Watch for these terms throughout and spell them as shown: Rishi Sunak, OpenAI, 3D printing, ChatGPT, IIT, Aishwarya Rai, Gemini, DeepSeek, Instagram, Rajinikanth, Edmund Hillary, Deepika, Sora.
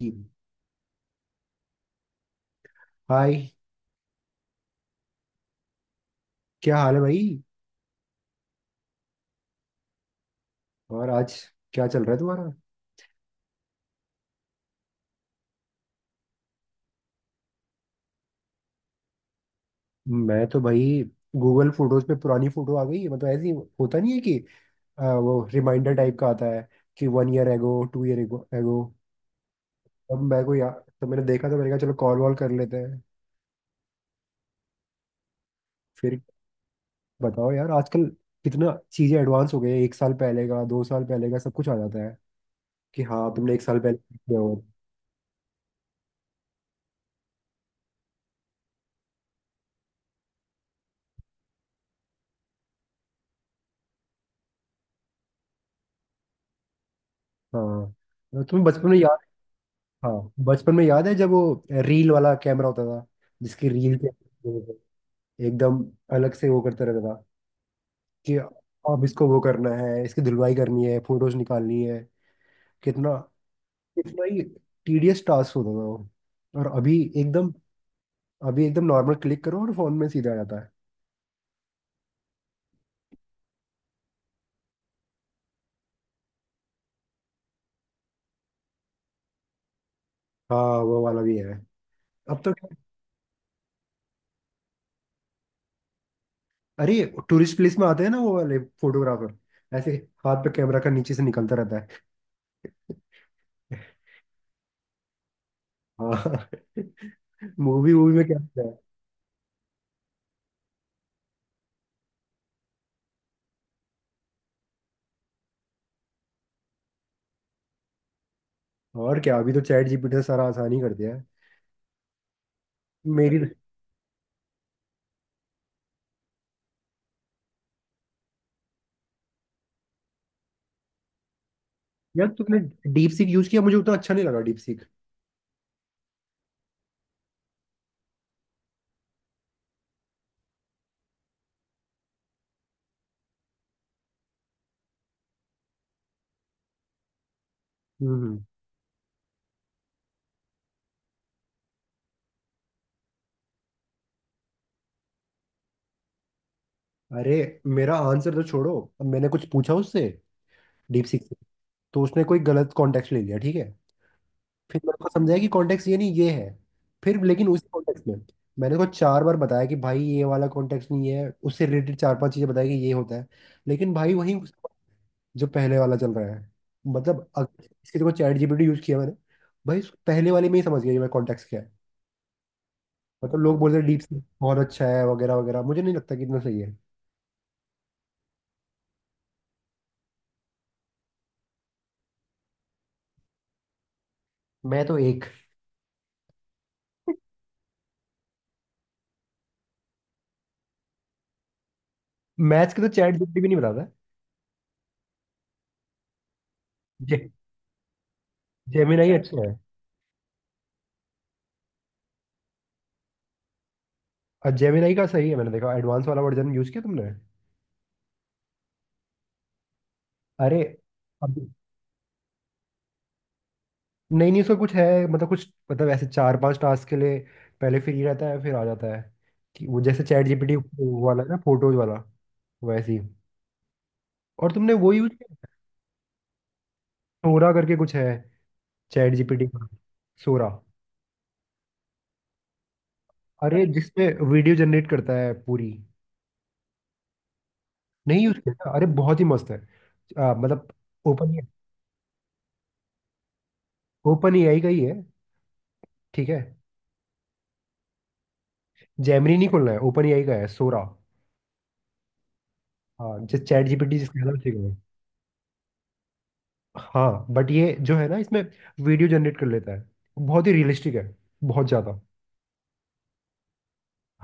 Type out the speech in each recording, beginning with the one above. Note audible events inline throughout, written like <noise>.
जी। Hi, क्या हाल है भाई। और आज क्या चल रहा है तुम्हारा। मैं तो भाई गूगल फोटोज पे पुरानी फोटो आ गई है। मतलब ऐसी होता नहीं है कि वो रिमाइंडर टाइप का आता है कि one year ago, two year ago ago अब मैं को यार, तो मैंने देखा, तो मैंने कहा चलो कॉल वॉल कर लेते हैं फिर। बताओ यार आजकल कितना चीजें एडवांस हो गई है। एक साल पहले का, 2 साल पहले का सब कुछ आ जाता है कि हाँ तुमने 1 साल पहले किया हो। हाँ तुम्हें बचपन में याद, हाँ बचपन में याद है जब वो रील वाला कैमरा होता था जिसकी रील के एकदम अलग से वो करते रहता था कि अब इसको वो करना है, इसकी धुलवाई करनी है, फोटोज निकालनी है। कितना, कितना ही टीडियस टास्क होता था वो। और अभी एकदम, अभी एकदम नॉर्मल क्लिक करो और फोन में सीधा आ जाता है। हाँ वो वाला भी है अब तो। अरे टूरिस्ट प्लेस में आते हैं ना, वो वाले फोटोग्राफर ऐसे हाथ पे कैमरा का नीचे से निकलता रहता है। <laughs> हाँ, मूवी मूवी में क्या। और क्या, अभी तो चैट जीपीटी ने सारा आसानी कर दिया है। मेरी अरे, यार तुमने डीप सीक यूज किया, मुझे उतना अच्छा नहीं लगा डीप सीक। हम्म। अरे मेरा आंसर तो छोड़ो, अब मैंने कुछ पूछा उससे, डीप सीक से, तो उसने कोई गलत कॉन्टेक्स्ट ले लिया, ठीक है। फिर मेरे को समझाया कि कॉन्टेक्स्ट ये नहीं, ये है। फिर लेकिन उस कॉन्टेक्स्ट में मैंने उसको 4 बार बताया कि भाई ये वाला कॉन्टेक्स्ट नहीं है, उससे रिलेटेड चार पांच चीजें बताई कि ये होता है। लेकिन भाई वही उसका जो पहले वाला चल रहा है। मतलब अगर इसके देखो, चैट जीपीटी यूज किया मैंने, भाई उस पहले वाले में ही समझ गया ये मैं, कॉन्टेक्स्ट क्या है। मतलब लोग बोल रहे हैं डीप सीक बहुत अच्छा है वगैरह वगैरह, मुझे नहीं लगता कि इतना सही है। मैं तो एक, मैथ्स के तो चैट जीपीटी भी नहीं बनाता है। जे जेमिनाई अच्छा है। और जेमिनाई का सही है, मैंने देखा। एडवांस वाला वर्जन यूज किया तुमने? अरे अब नहीं नहीं, उसका कुछ है मतलब, कुछ मतलब ऐसे चार पांच टास्क के लिए पहले फ्री रहता है, फिर आ जाता है कि वो, जैसे चैट जीपीटी वाला है ना फोटोज वाला, वैसे ही। और तुमने वो यूज किया, सोरा करके कुछ है चैट जीपीटी का, सोरा। अरे जिसमें वीडियो जनरेट करता है पूरी। नहीं यूज किया? अरे बहुत ही मस्त है। मतलब ओपन, ओपन एआई का ही है, ठीक है। जैमनी नहीं खोलना है, ओपन एआई का है सोरा। हाँ जिस, चैट जीपीटी जिसका नाम, ठीक है। हाँ बट ये जो है ना, इसमें वीडियो जनरेट कर लेता है, बहुत ही रियलिस्टिक है, बहुत ज्यादा।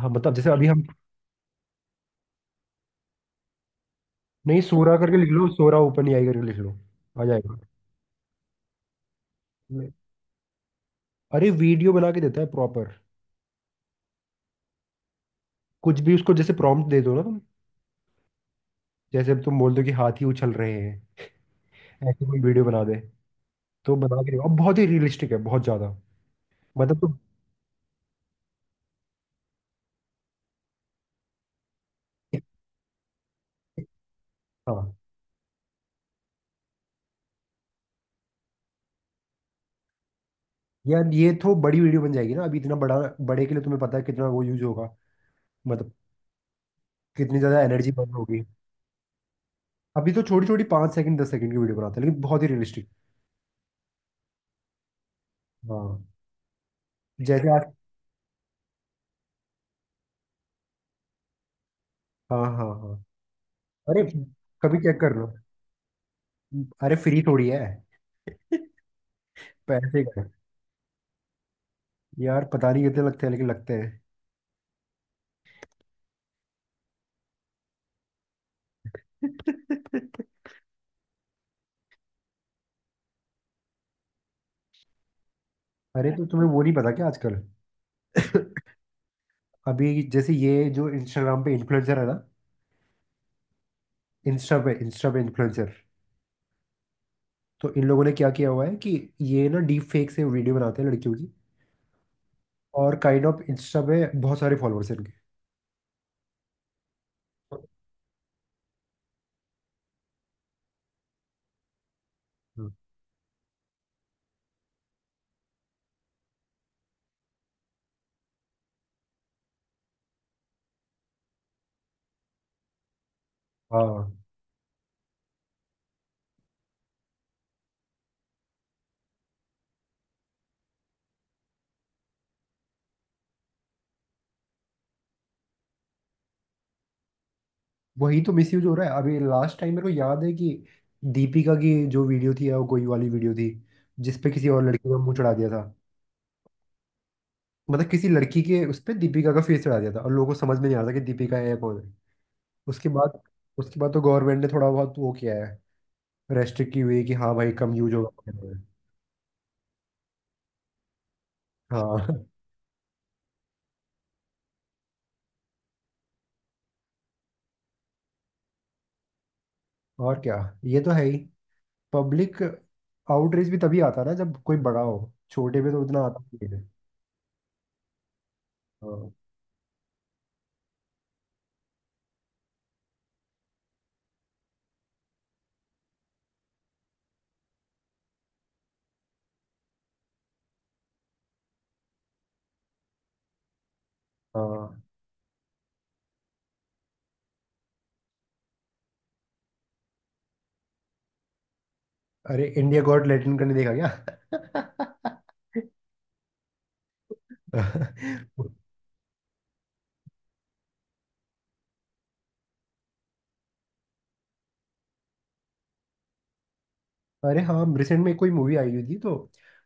हाँ मतलब जैसे अभी हम, नहीं सोरा करके लिख लो, सोरा ओपन एआई करके लिख लो, आ जाएगा। नहीं। अरे वीडियो बना के देता है प्रॉपर। कुछ भी, उसको जैसे प्रॉम्प्ट दे दो ना तुम, जैसे अब तुम बोल दो कि हाथी उछल रहे हैं, ऐसे कोई वीडियो बना दे, तो बना के देगा। और बहुत ही रियलिस्टिक है, बहुत ज्यादा। मतलब तो, हाँ। यार ये तो बड़ी वीडियो बन जाएगी ना, अभी इतना बड़ा, बड़े के लिए तुम्हें पता है कितना वो यूज होगा, मतलब कितनी ज्यादा एनर्जी बर्न होगी। अभी तो छोटी छोटी 5 सेकंड, 10 सेकंड की वीडियो बनाते हैं, लेकिन बहुत ही रियलिस्टिक। हाँ जैसे आज, हाँ हाँ हाँ। अरे कभी चेक कर लो, अरे फ्री थोड़ी है। <laughs> पैसे का, यार पता नहीं कितने लगते हैं, लेकिन लगते हैं। <laughs> अरे तो तुम्हें वो नहीं पता क्या आजकल? <laughs> अभी जैसे ये जो इंस्टाग्राम पे इन्फ्लुएंसर है ना, इंस्टा पे इन्फ्लुएंसर, तो इन लोगों ने क्या किया हुआ है कि ये ना डीप फेक से वीडियो बनाते हैं लड़कियों की, और काइंड ऑफ इंस्टा पे बहुत सारे फॉलोअर्स हैं इनके। तो- हाँ वही तो मिसयूज हो रहा है। अभी लास्ट टाइम मेरे को याद है कि दीपिका की जो वीडियो थी, वो कोई वाली वीडियो थी जिसपे किसी और लड़की का मुंह चढ़ा दिया था। मतलब किसी लड़की के उस पे दीपिका का फेस चढ़ा दिया था और लोगों को समझ में नहीं आ रहा था कि दीपिका है या कौन है। उसके बाद, तो गवर्नमेंट ने थोड़ा बहुत वो किया है, रेस्ट्रिक्ट की हुई है कि हाँ भाई कम यूज होगा। <laughs> हाँ और क्या, ये तो है ही। पब्लिक आउटरीच भी तभी आता है ना जब कोई बड़ा हो, छोटे में तो उतना आता नहीं है। हाँ हाँ। अरे इंडिया गॉट लैटिन का नहीं देखा क्या? <laughs> अरे हाँ, रिसेंट में कोई मूवी आई हुई थी तो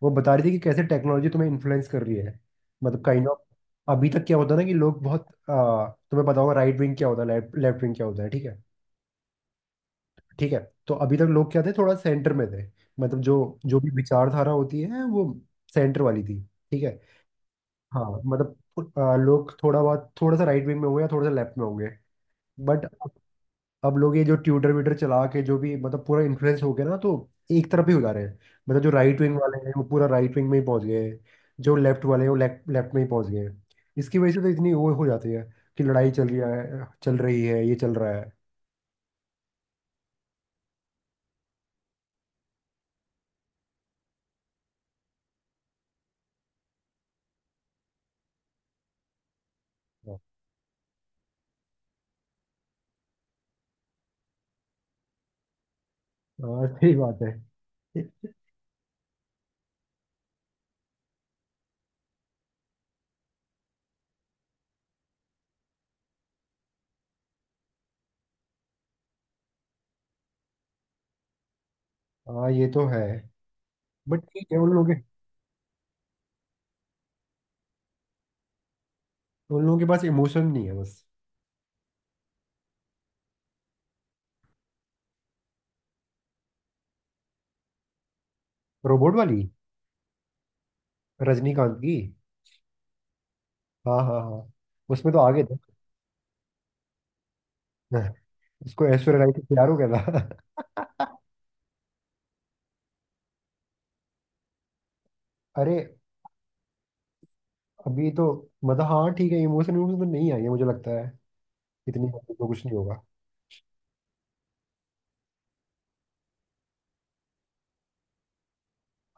वो बता रही थी कि कैसे टेक्नोलॉजी तुम्हें इन्फ्लुएंस कर रही है, मतलब काइंड ऑफ। अभी तक क्या होता है ना कि लोग बहुत तुम्हें पता होगा राइट विंग क्या होता है, लेफ्ट लेफ्ट विंग क्या होता है, ठीक है। ठीक है। तो अभी तक लोग क्या थे, थोड़ा सेंटर में थे। मतलब जो, जो भी विचारधारा होती है वो सेंटर वाली थी, ठीक है। हाँ मतलब लोग थोड़ा बहुत, थोड़ा सा राइट विंग में होंगे या थोड़ा सा लेफ्ट में होंगे। बट अब लोग ये जो ट्यूटर व्यूटर चला के जो भी मतलब पूरा इन्फ्लुएंस हो गया ना, तो एक तरफ ही हो जा रहे हैं। मतलब जो राइट विंग वाले हैं वो पूरा राइट विंग में ही पहुंच गए हैं, जो लेफ्ट वाले हैं वो लेफ्ट लेफ्ट में ही पहुंच गए हैं। इसकी वजह से तो इतनी वो हो जाती है कि लड़ाई चल रही है, चल रही है, ये चल रहा है। हाँ सही बात है। हाँ ये तो है। बट ठीक है, उन लोगों के पास इमोशन नहीं है बस। रोबोट वाली, रजनीकांत की। हाँ हाँ हाँ। उसमें तो आगे थे। <laughs> उसको ऐश्वर्या राय से प्यार हो गया था। <laughs> अरे अभी तो, मतलब हाँ ठीक है, इमोशन इमोशन तो नहीं आई है, मुझे लगता है इतनी बात तो कुछ नहीं होगा।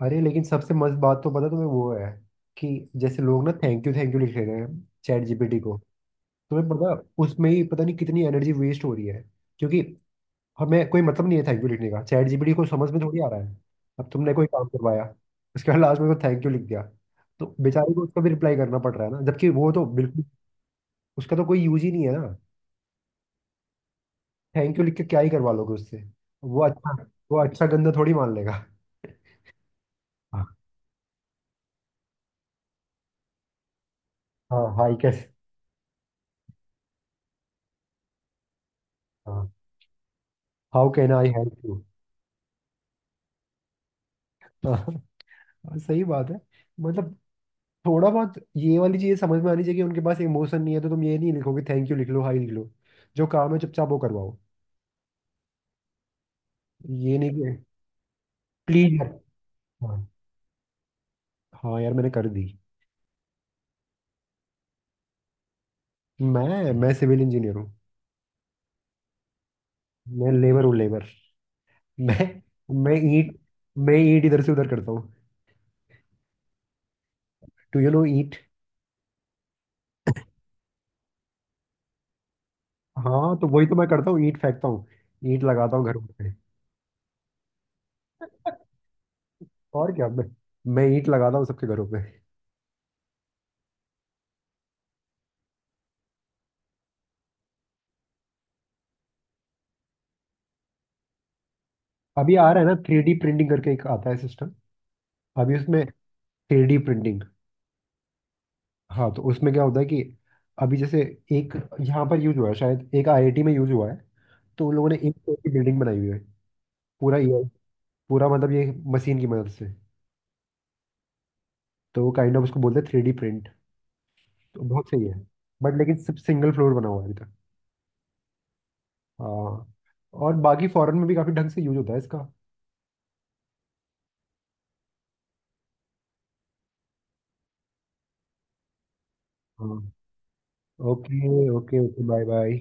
अरे लेकिन सबसे मस्त बात तो पता तुम्हें वो है कि जैसे लोग ना थैंक यू, थैंक यू लिख रहे हैं चैट जीपीटी को। तुम्हें पता, उसमें ही पता नहीं कितनी एनर्जी वेस्ट हो रही है, क्योंकि हमें कोई मतलब नहीं है थैंक यू लिखने का, चैट जीपीटी को समझ में थोड़ी आ रहा है। अब तुमने कोई काम करवाया, उसके बाद लास्ट में को थैंक यू लिख दिया, तो बेचारे को उसका भी रिप्लाई करना पड़ रहा है ना, जबकि वो तो बिल्कुल, उसका तो कोई यूज ही नहीं है ना। थैंक यू लिख के क्या ही करवा लोगे उससे। वो अच्छा, वो अच्छा गंदा थोड़ी मान लेगा। हाँ हाई कैसे। हाँ, how can I help you. हाँ सही बात है। मतलब थोड़ा बहुत ये वाली चीज़ समझ में आनी चाहिए कि उनके पास इमोशन नहीं है, तो तुम ये नहीं लिखोगे, थैंक यू लिख लो, हाई लिख लो, जो काम है चुपचाप वो करवाओ। ये नहीं कि प्लीज। हाँ, हाँ यार मैंने कर दी। मैं सिविल इंजीनियर हूँ। मैं लेबर हूँ, लेबर। <laughs> मैं, मैं ईंट मैं ईंट इधर से उधर करता हूँ। टू यू नो ईंट। हाँ तो वही तो मैं करता हूँ, ईंट फेंकता हूँ, ईंट लगाता हूँ घरों पे। और क्या, मैं ईंट लगाता हूँ सबके घरों पे। अभी आ रहा है ना 3D प्रिंटिंग करके एक आता है सिस्टम, अभी उसमें, थ्री डी प्रिंटिंग। हाँ तो उसमें क्या होता है कि अभी जैसे एक, यहाँ पर यूज हुआ है, शायद एक आईआईटी में यूज हुआ है, तो उन लोगों ने एक फ्लोर की बिल्डिंग बनाई हुई है पूरा, ये पूरा मतलब, ये मशीन की मदद से। तो वो काइंड ऑफ उसको बोलते हैं थ्री डी प्रिंट। तो बहुत सही है, बट लेकिन सिर्फ सिंगल फ्लोर बना हुआ है अभी तक। हाँ, और बाकी फॉरेन में भी काफी ढंग से यूज होता है इसका। हाँ okay okay okay, bye bye.